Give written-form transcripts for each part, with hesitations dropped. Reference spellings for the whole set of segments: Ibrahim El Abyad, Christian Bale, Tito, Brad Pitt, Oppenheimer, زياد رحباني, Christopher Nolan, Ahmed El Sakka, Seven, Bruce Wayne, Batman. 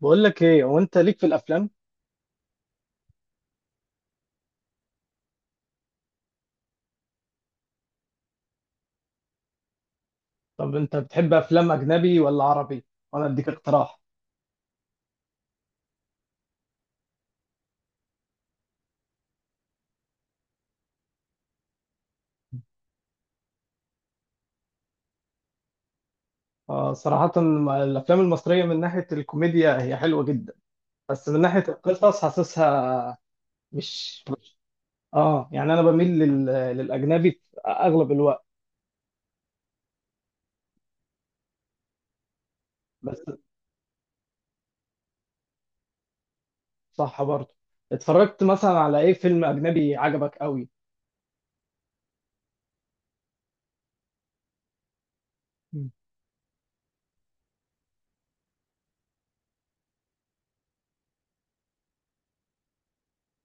بقول لك ايه هو انت ليك في الافلام؟ طب انت بتحب افلام اجنبي ولا عربي؟ وانا اديك اقتراح. آه صراحة، الافلام المصرية من ناحية الكوميديا هي حلوة جدا، بس من ناحية القصص حاسسها مش مش- اه، يعني انا بميل للاجنبي في اغلب الوقت. بس صح برضه. اتفرجت مثلا على ايه فيلم اجنبي عجبك قوي؟ مم.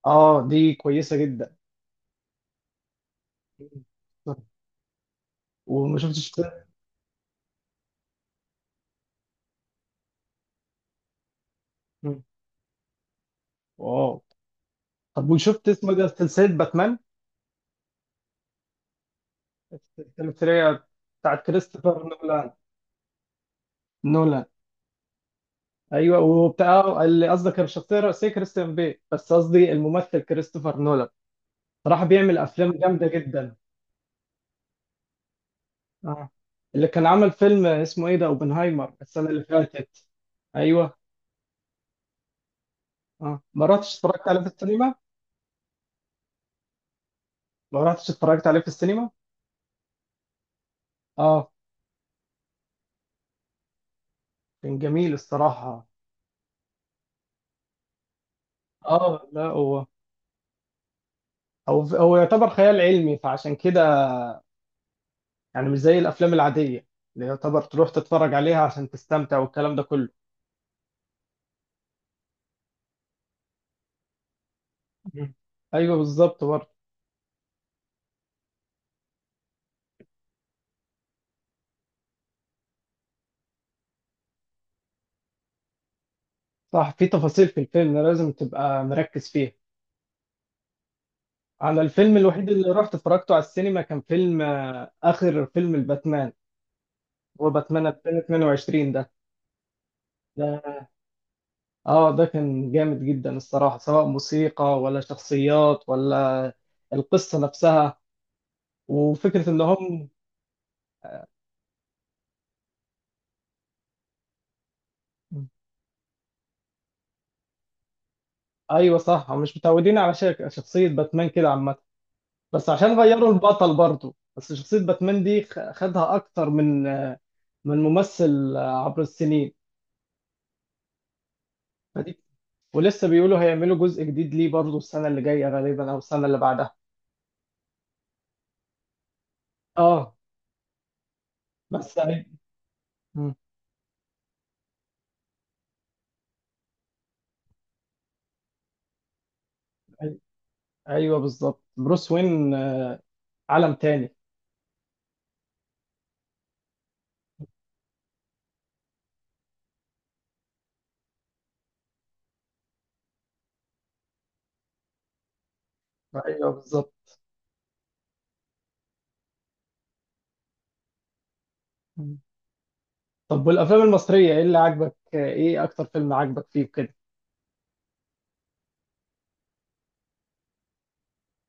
اه، دي كويسة جدا. مم. وما شفتش. مم. واو. طب وشفت اسمه ده سلسلة باتمان الثلاثية بتاعت كريستوفر نولان؟ نولان. ايوه، وبتاع اللي قصدك الشخصيه الرئيسيه كريستيان بيل، بس قصدي الممثل كريستوفر نولان. صراحه بيعمل افلام جامده جدا. اه، اللي كان عمل فيلم اسمه ايه ده، اوبنهايمر، السنه اللي فاتت. ايوه. اه، ما رحتش اتفرجت عليه في السينما. ما رحتش اتفرجت عليه في السينما. اه كان جميل الصراحه. اه لا، هو يعتبر خيال علمي، فعشان كده يعني مش زي الافلام العاديه اللي يعتبر تروح تتفرج عليها عشان تستمتع والكلام ده كله. مم. ايوه بالظبط برضه. صح، في تفاصيل في الفيلم لازم تبقى مركز فيها. انا الفيلم الوحيد اللي رحت اتفرجته على السينما كان فيلم اخر فيلم الباتمان. هو باتمان 2022 ده. اه، ده كان جامد جدا الصراحه، سواء موسيقى ولا شخصيات ولا القصه نفسها وفكره ان هم. ايوه صح، هم مش متعودين على شخصيه باتمان كده عامه، بس عشان غيروا البطل برضو. بس شخصية باتمان دي خدها أكتر من ممثل عبر السنين، فدي. ولسه بيقولوا هيعملوا جزء جديد ليه برضو السنة اللي جاية غالبا أو السنة اللي بعدها. اه. بس مم. أي... أيوه بالظبط، بروس وين عالم تاني. أيوه بالظبط. مم. طب والأفلام المصرية إيه أكتر فيلم عاجبك فيه كده؟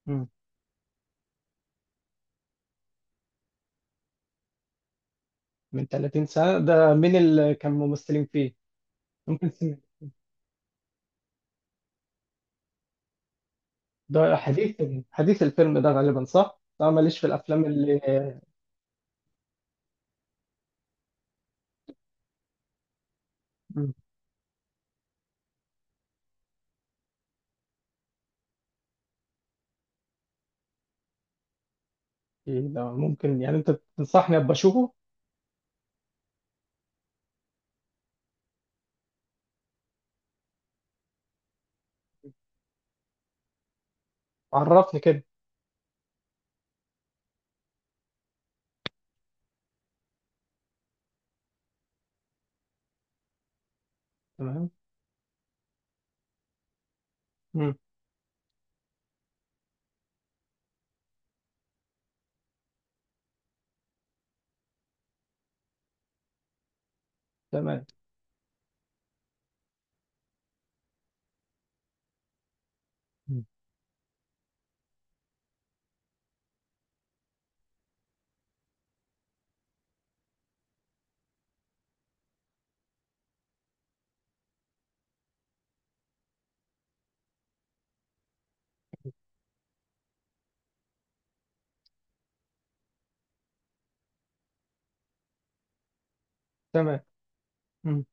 مم. من 30 سنة، ده مين اللي كان ممثلين فيه؟ ممكن. ده حديث؟ حديث الفيلم ده غالبا، صح؟ أنا ماليش في الأفلام اللي. مم. إيه ده؟ ممكن يعني أنت تنصحني أبقى أشوفه؟ عرفني كده. تمام. مم. تمام. مم. تمام. مم.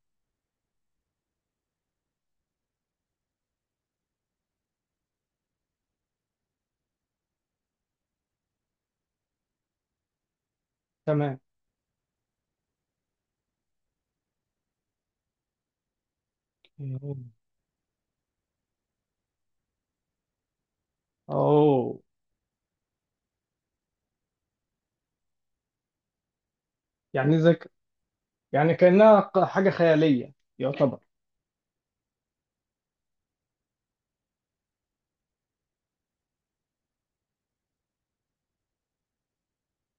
تمام. مم. أوه. يعني زي ك- يعني كأنها حاجة خيالية يعتبر.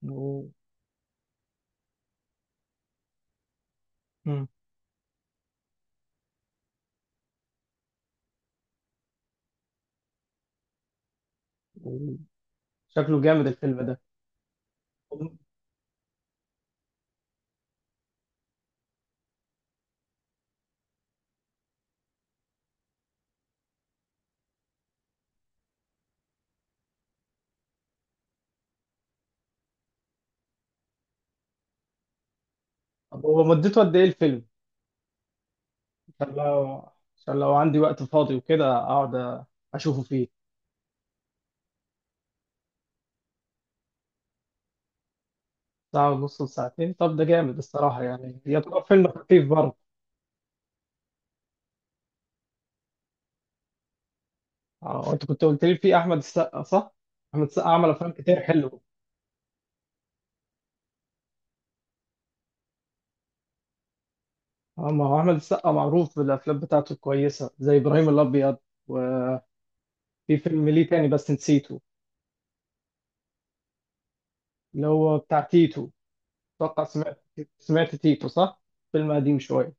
أوه. مم. أوه. شكله جامد الفيلم ده. طب هو مدته قد إيه الفيلم؟ عشان لو عشان لو عندي وقت فاضي وكده أقعد أشوفه فيه. ساعة ونص لساعتين؟ طب ده جامد الصراحة، يعني يعتبر فيلم خفيف برضه. اه، انت كنت قلت لي في أحمد السقا، صح؟ أحمد السقا عمل أفلام كتير حلوة. اه، ما هو أحمد السقا معروف بالأفلام بتاعته الكويسة زي إبراهيم الأبيض، وفي فيلم ليه تاني بس نسيته. اللي هو بتاع تيتو، أتوقع سمعت تيتو، صح؟ فيلم قديم شوية.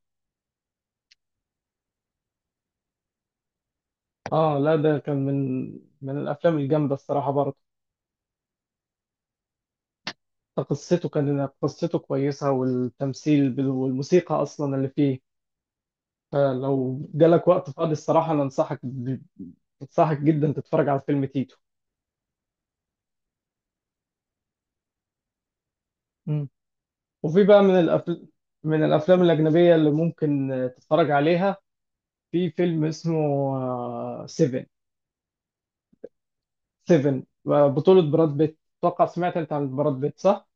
اه لا، ده كان من الأفلام الجامدة الصراحة برضه. قصته كويسة، والتمثيل والموسيقى أصلا اللي فيه. فلو جالك وقت فاضي الصراحة أنا أنصحك جدا تتفرج على فيلم تيتو. مم. وفي بقى من الأفلام الأجنبية اللي ممكن تتفرج عليها. في فيلم اسمه سيفن. سيفن بطولة براد بيت، أتوقع سمعت أنت عن براد بيت، صح؟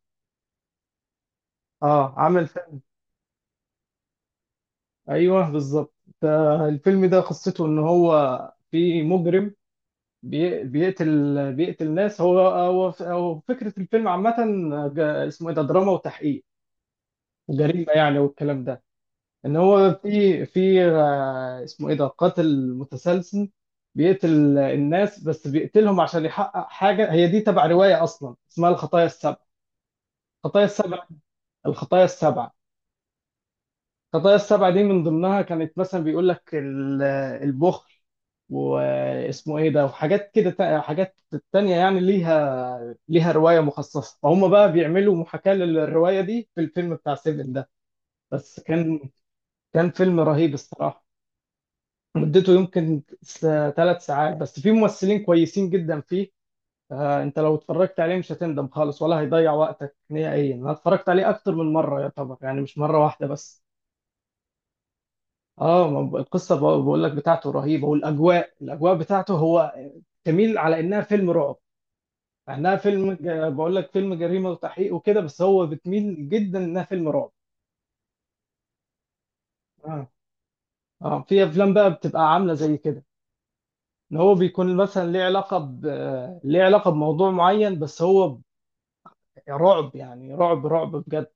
آه، عامل فيلم. أيوه بالظبط. الفيلم ده قصته إن هو في مجرم بيقتل ناس، هو فكرة الفيلم عامة. اسمه إيه ده، دراما وتحقيق جريمة يعني، والكلام ده. ان هو في اسمه ايه ده، قاتل متسلسل بيقتل الناس، بس بيقتلهم عشان يحقق حاجة. هي دي تبع رواية اصلا اسمها الخطايا السبع، الخطايا السبع. الخطايا السبع. الخطايا السبع دي من ضمنها كانت مثلا بيقول لك البخل، واسمه ايه ده، وحاجات كده حاجات تانية يعني، ليها رواية مخصصة، فهم بقى بيعملوا محاكاة للرواية دي في الفيلم بتاع سيفن ده. بس كان فيلم رهيب الصراحة، مدته يمكن 3 ساعات، بس في ممثلين كويسين جدا فيه. انت لو اتفرجت عليه مش هتندم خالص ولا هيضيع وقتك نهائيا، انا اتفرجت عليه اكتر من مره يعتبر، يعني مش مره واحده بس. اه، ما ب- القصه بقول لك بتاعته رهيبه، والاجواء الاجواء بتاعته هو تميل على انها فيلم رعب، مع انها فيلم بقول لك فيلم جريمه وتحقيق وكده، بس هو بتميل جدا انها فيلم رعب. اه، اه، في افلام بقى بتبقى عامله زي كده، ان هو بيكون مثلا ليه علاقه ليه علاقه بموضوع معين، بس هو يا رعب يعني، رعب رعب بجد.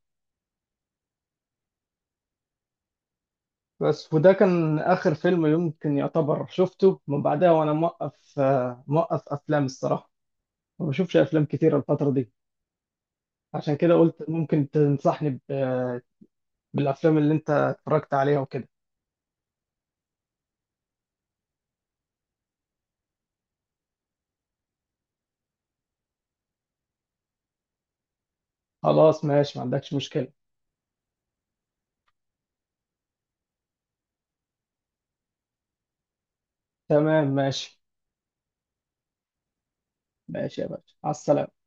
بس وده كان آخر فيلم يمكن يعتبر شفته، من بعدها وأنا موقف أفلام الصراحة، ما بشوفش أفلام كتير الفترة دي، عشان كده قلت ممكن تنصحني بالأفلام اللي أنت اتفرجت عليها وكده. خلاص ماشي، ما عندكش مشكلة. تمام ماشي. ماشي يا باشا، على السلامة.